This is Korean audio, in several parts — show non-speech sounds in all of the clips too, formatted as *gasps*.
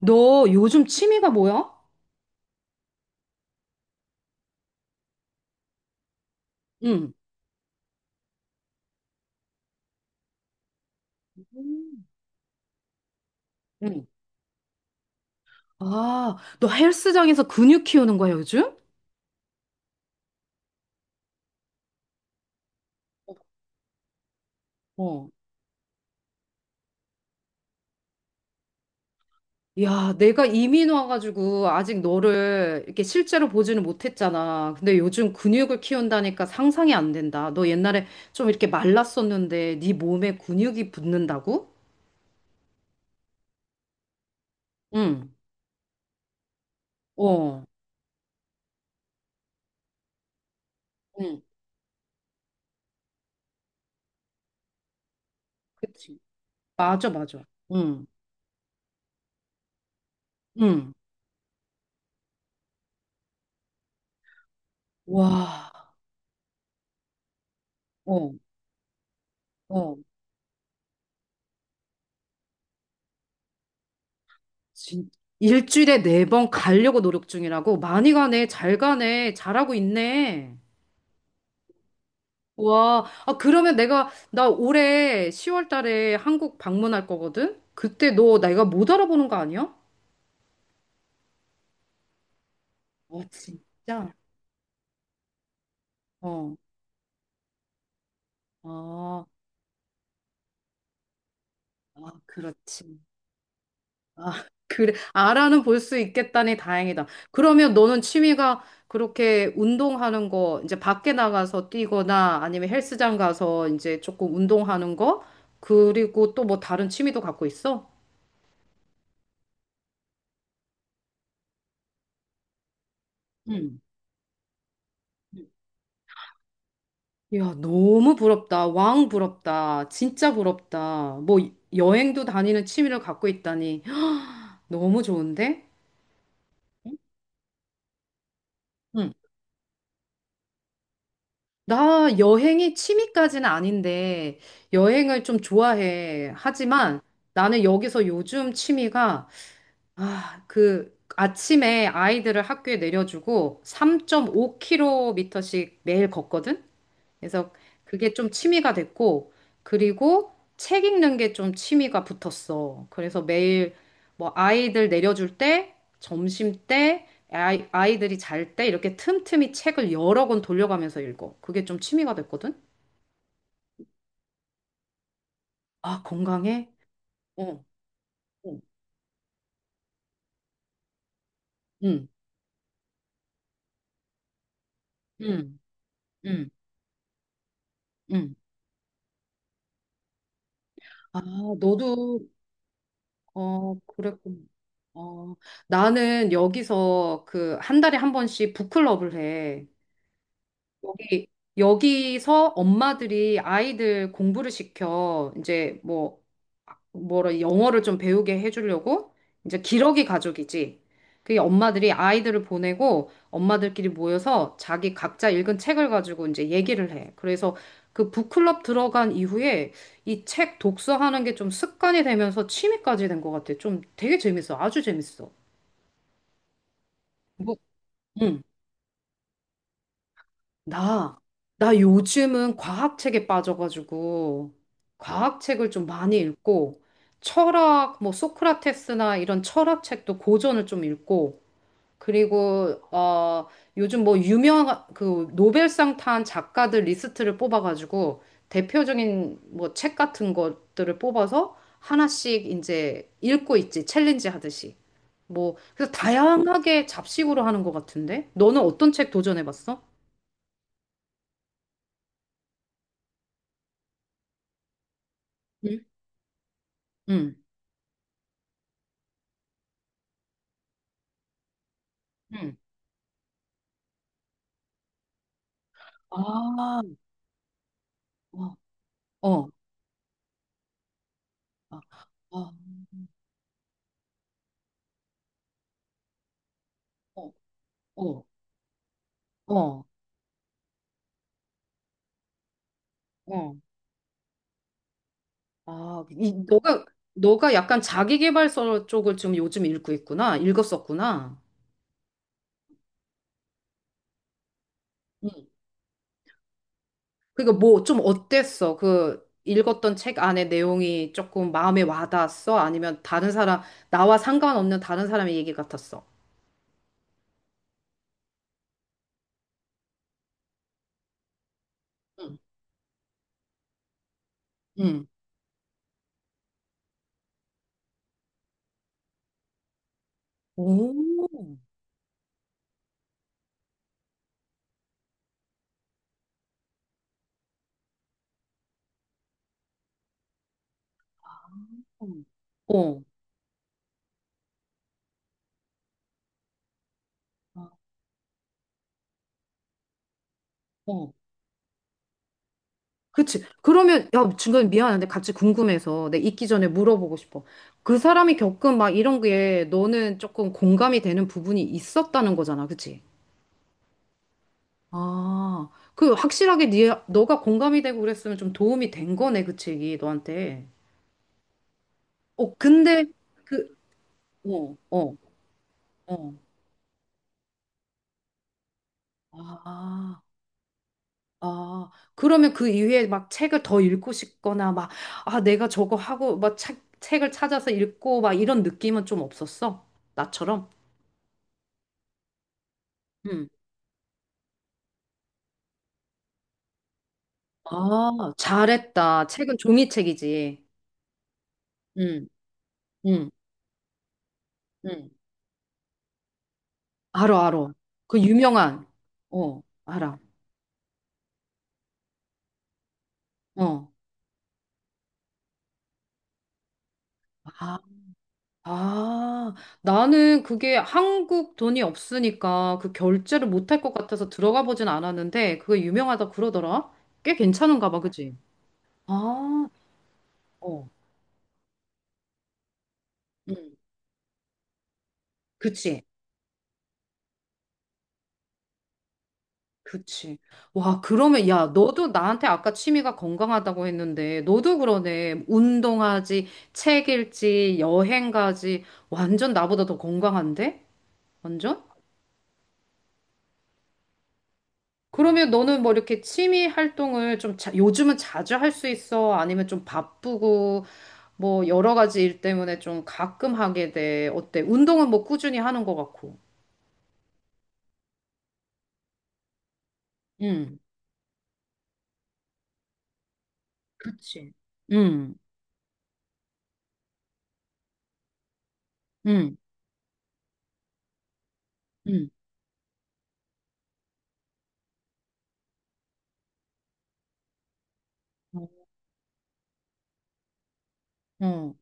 너 요즘 취미가 뭐야? 응, 음. 응, 아, 너 헬스장에서 근육 키우는 거야, 요즘? 어, 야, 내가 이민 와가지고 아직 너를 이렇게 실제로 보지는 못했잖아. 근데 요즘 근육을 키운다니까 상상이 안 된다. 너 옛날에 좀 이렇게 말랐었는데 네 몸에 근육이 붙는다고? 응, 어, 응, 그치. 맞아, 맞아. 응, 응, 와, 어, 어. 진- 일주일에 네 번 가려고 노력 중이라고? 많이 가네. 잘 가네. 잘하고 있네. 와, 아, 그러면 나 올해 10월 달에 한국 방문할 거거든? 그때 너 내가 못 알아보는 거 아니야? 어, 진짜? 어, 아, 아, 그렇지. 아, 그래. 아라는 볼 수 있겠다니 다행이다. 그러면 너는 취미가 그렇게 운동하는 거, 이제 밖에 나가서 뛰거나 아니면 헬스장 가서 이제 조금 운동하는 거, 그리고 또 뭐 다른 취미도 갖고 있어? 응 이야, 너무 부럽다. 왕 부럽다. 진짜 부럽다. 뭐 여행도 다니는 취미를 갖고 있다니. *gasps* 너무 좋은데? 응? 나 여행이 취미까지는 아닌데 여행을 좀 좋아해. 하지만 나는 여기서 요즘 취미가 아, 그 아침에 아이들을 학교에 내려주고 3.5km씩 매일 걷거든? 그래서 그게 좀 취미가 됐고, 그리고 책 읽는 게 좀 취미가 붙었어. 그래서 매일 뭐 아이들 내려줄 때, 점심 때, 아이들이 잘 때 이렇게 틈틈이 책을 여러 권 돌려가면서 읽어. 그게 좀 취미가 됐거든? 아, 건강해? 어, 어, 응, 응, 응, 응. 아, 너도, 어, 그랬군. 어, 나는 여기서 그 한 달에 한 번씩 북클럽을 해. 여기, 여기서 엄마들이 아이들 공부를 시켜. 이제 뭐, 뭐라, 영어를 좀 배우게 해주려고. 이제 기러기 가족이지. 그게 엄마들이 아이들을 보내고 엄마들끼리 모여서 자기 각자 읽은 책을 가지고 이제 얘기를 해. 그래서 그 북클럽 들어간 이후에 이 책 독서하는 게 좀 습관이 되면서 취미까지 된 것 같아. 좀 되게 재밌어. 아주 재밌어. 뭐, 응. 나, 나 요즘은 과학책에 빠져가지고, 과학책을 좀 많이 읽고, 철학, 뭐, 소크라테스나 이런 철학책도 고전을 좀 읽고, 그리고, 어, 요즘 뭐, 유명한, 그, 노벨상 탄 작가들 리스트를 뽑아가지고, 대표적인 뭐, 책 같은 것들을 뽑아서 하나씩 이제 읽고 있지, 챌린지 하듯이. 뭐, 그래서 다양하게 잡식으로 하는 것 같은데? 너는 어떤 책 도전해봤어? 응. 응. 응. 아, 어, 어, 아, 아, 어, 어, 어, 어. 아, 이, 너가 약간 자기계발서 쪽을 좀 요즘 읽고 있구나. 읽었었구나. 응. 그러니까 뭐 좀 어땠어? 그 읽었던 책 안에 내용이 조금 마음에 와닿았어? 아니면 다른 사람, 나와 상관없는 다른 사람의 얘기 같았어? 응. 응. 오. 어, 어, 그치. 그러면, 야, 중간에 미안한데 같이 궁금해서 내 있기 전에 물어보고 싶어. 그 사람이 겪은 막 이런 게 너는 조금 공감이 되는 부분이 있었다는 거잖아. 그치? 아, 그 확실하게 네, 너가 공감이 되고 그랬으면 좀 도움이 된 거네. 그치? 이게 너한테. 어, 근데 그, 어, 어, 어. 아, 아. 그러면 그 이후에 막 책을 더 읽고 싶거나 막, 아, 내가 저거 하고 막 책을 찾아서 읽고 막 이런 느낌은 좀 없었어? 나처럼? 음. 아, 잘했다. 책은 종이책이지. 응 응 응 알어, 알어. 그 유명한. 어, 알아. 어. 아, 아. 나는 그게 한국 돈이 없으니까 그 결제를 못할 것 같아서 들어가 보진 않았는데 그게 유명하다 그러더라. 꽤 괜찮은가 봐, 그지? 아, 어. 응 그치. 그치. 와, 그러면, 야, 너도 나한테 아까 취미가 건강하다고 했는데, 너도 그러네. 운동하지, 책 읽지, 여행 가지. 완전 나보다 더 건강한데? 완전? 그러면 너는 뭐 이렇게 취미 활동을 좀 자, 요즘은 자주 할 수 있어? 아니면 좀 바쁘고, 뭐 여러 가지 일 때문에 좀 가끔 하게 돼. 어때? 운동은 뭐 꾸준히 하는 것 같고. 응. 그치. 응, 응, 응. 어.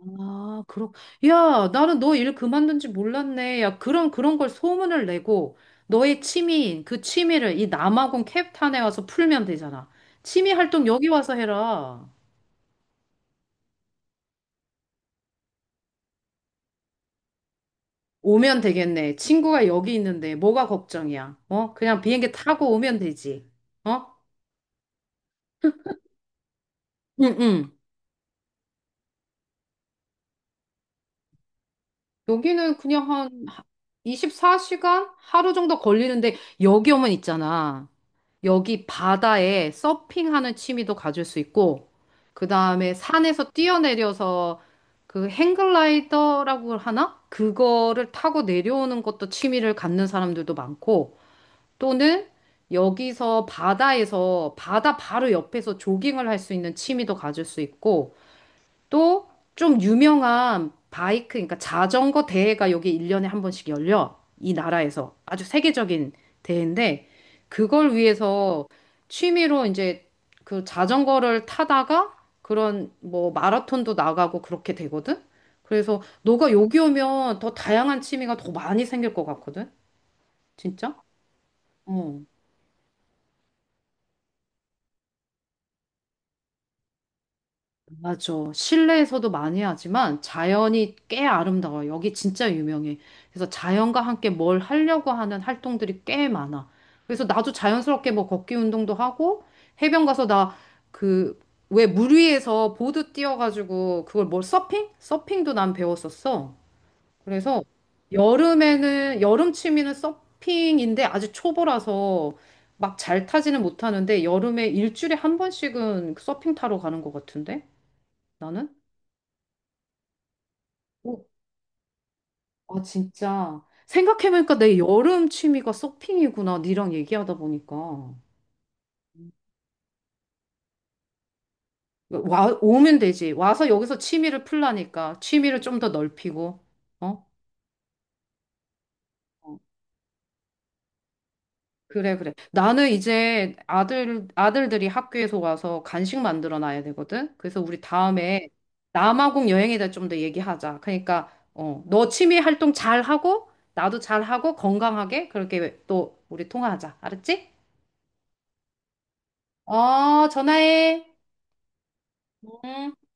아, 그렇. 야, 나는 너 일 그만둔 지 몰랐네. 야, 그런 걸 소문을 내고 너의 취미인 그 취미를 이 남아공 캡탄에 와서 풀면 되잖아. 취미 활동 여기 와서 해라. 오면 되겠네. 친구가 여기 있는데 뭐가 걱정이야? 어? 그냥 비행기 타고 오면 되지. 어? 응, 응. 여기는 그냥 한 24시간? 하루 정도 걸리는데 여기 오면 있잖아. 여기 바다에 서핑하는 취미도 가질 수 있고, 그 다음에 산에서 뛰어내려서 그 행글라이더라고 하나? 그거를 타고 내려오는 것도 취미를 갖는 사람들도 많고, 또는 여기서 바다에서 바다 바로 옆에서 조깅을 할 수 있는 취미도 가질 수 있고, 또 좀 유명한 바이크, 그러니까 자전거 대회가 여기 1년에 한 번씩 열려. 이 나라에서. 아주 세계적인 대회인데, 그걸 위해서 취미로 이제 그 자전거를 타다가 그런 뭐 마라톤도 나가고 그렇게 되거든? 그래서 너가 여기 오면 더 다양한 취미가 더 많이 생길 것 같거든? 진짜? 어. 맞아. 실내에서도 많이 하지만 자연이 꽤 아름다워요. 여기 진짜 유명해. 그래서 자연과 함께 뭘 하려고 하는 활동들이 꽤 많아. 그래서 나도 자연스럽게 뭐 걷기 운동도 하고 해변 가서 나 그 왜 물 위에서 보드 띄워가지고 그걸 뭘 서핑? 서핑도 난 배웠었어. 그래서 여름에는 여름 취미는 서핑인데 아직 초보라서 막 잘 타지는 못하는데 여름에 일주일에 한 번씩은 서핑 타러 가는 것 같은데 나는? 오, 아, 진짜. 생각해보니까 내 여름 취미가 서핑이구나. 니랑 얘기하다 보니까. 와, 오면 되지. 와서 여기서 취미를 풀라니까. 취미를 좀 더 넓히고. 어? 어, 그래, 그래. 나는 이제 아들들이 학교에서 와서 간식 만들어 놔야 되거든. 그래서 우리 다음에 남아공 여행에 대해 좀 더 얘기하자. 그러니까, 어, 너 취미 활동 잘하고, 나도 잘하고, 건강하게 그렇게 또 우리 통화하자. 알았지? 어, 전화해. 응.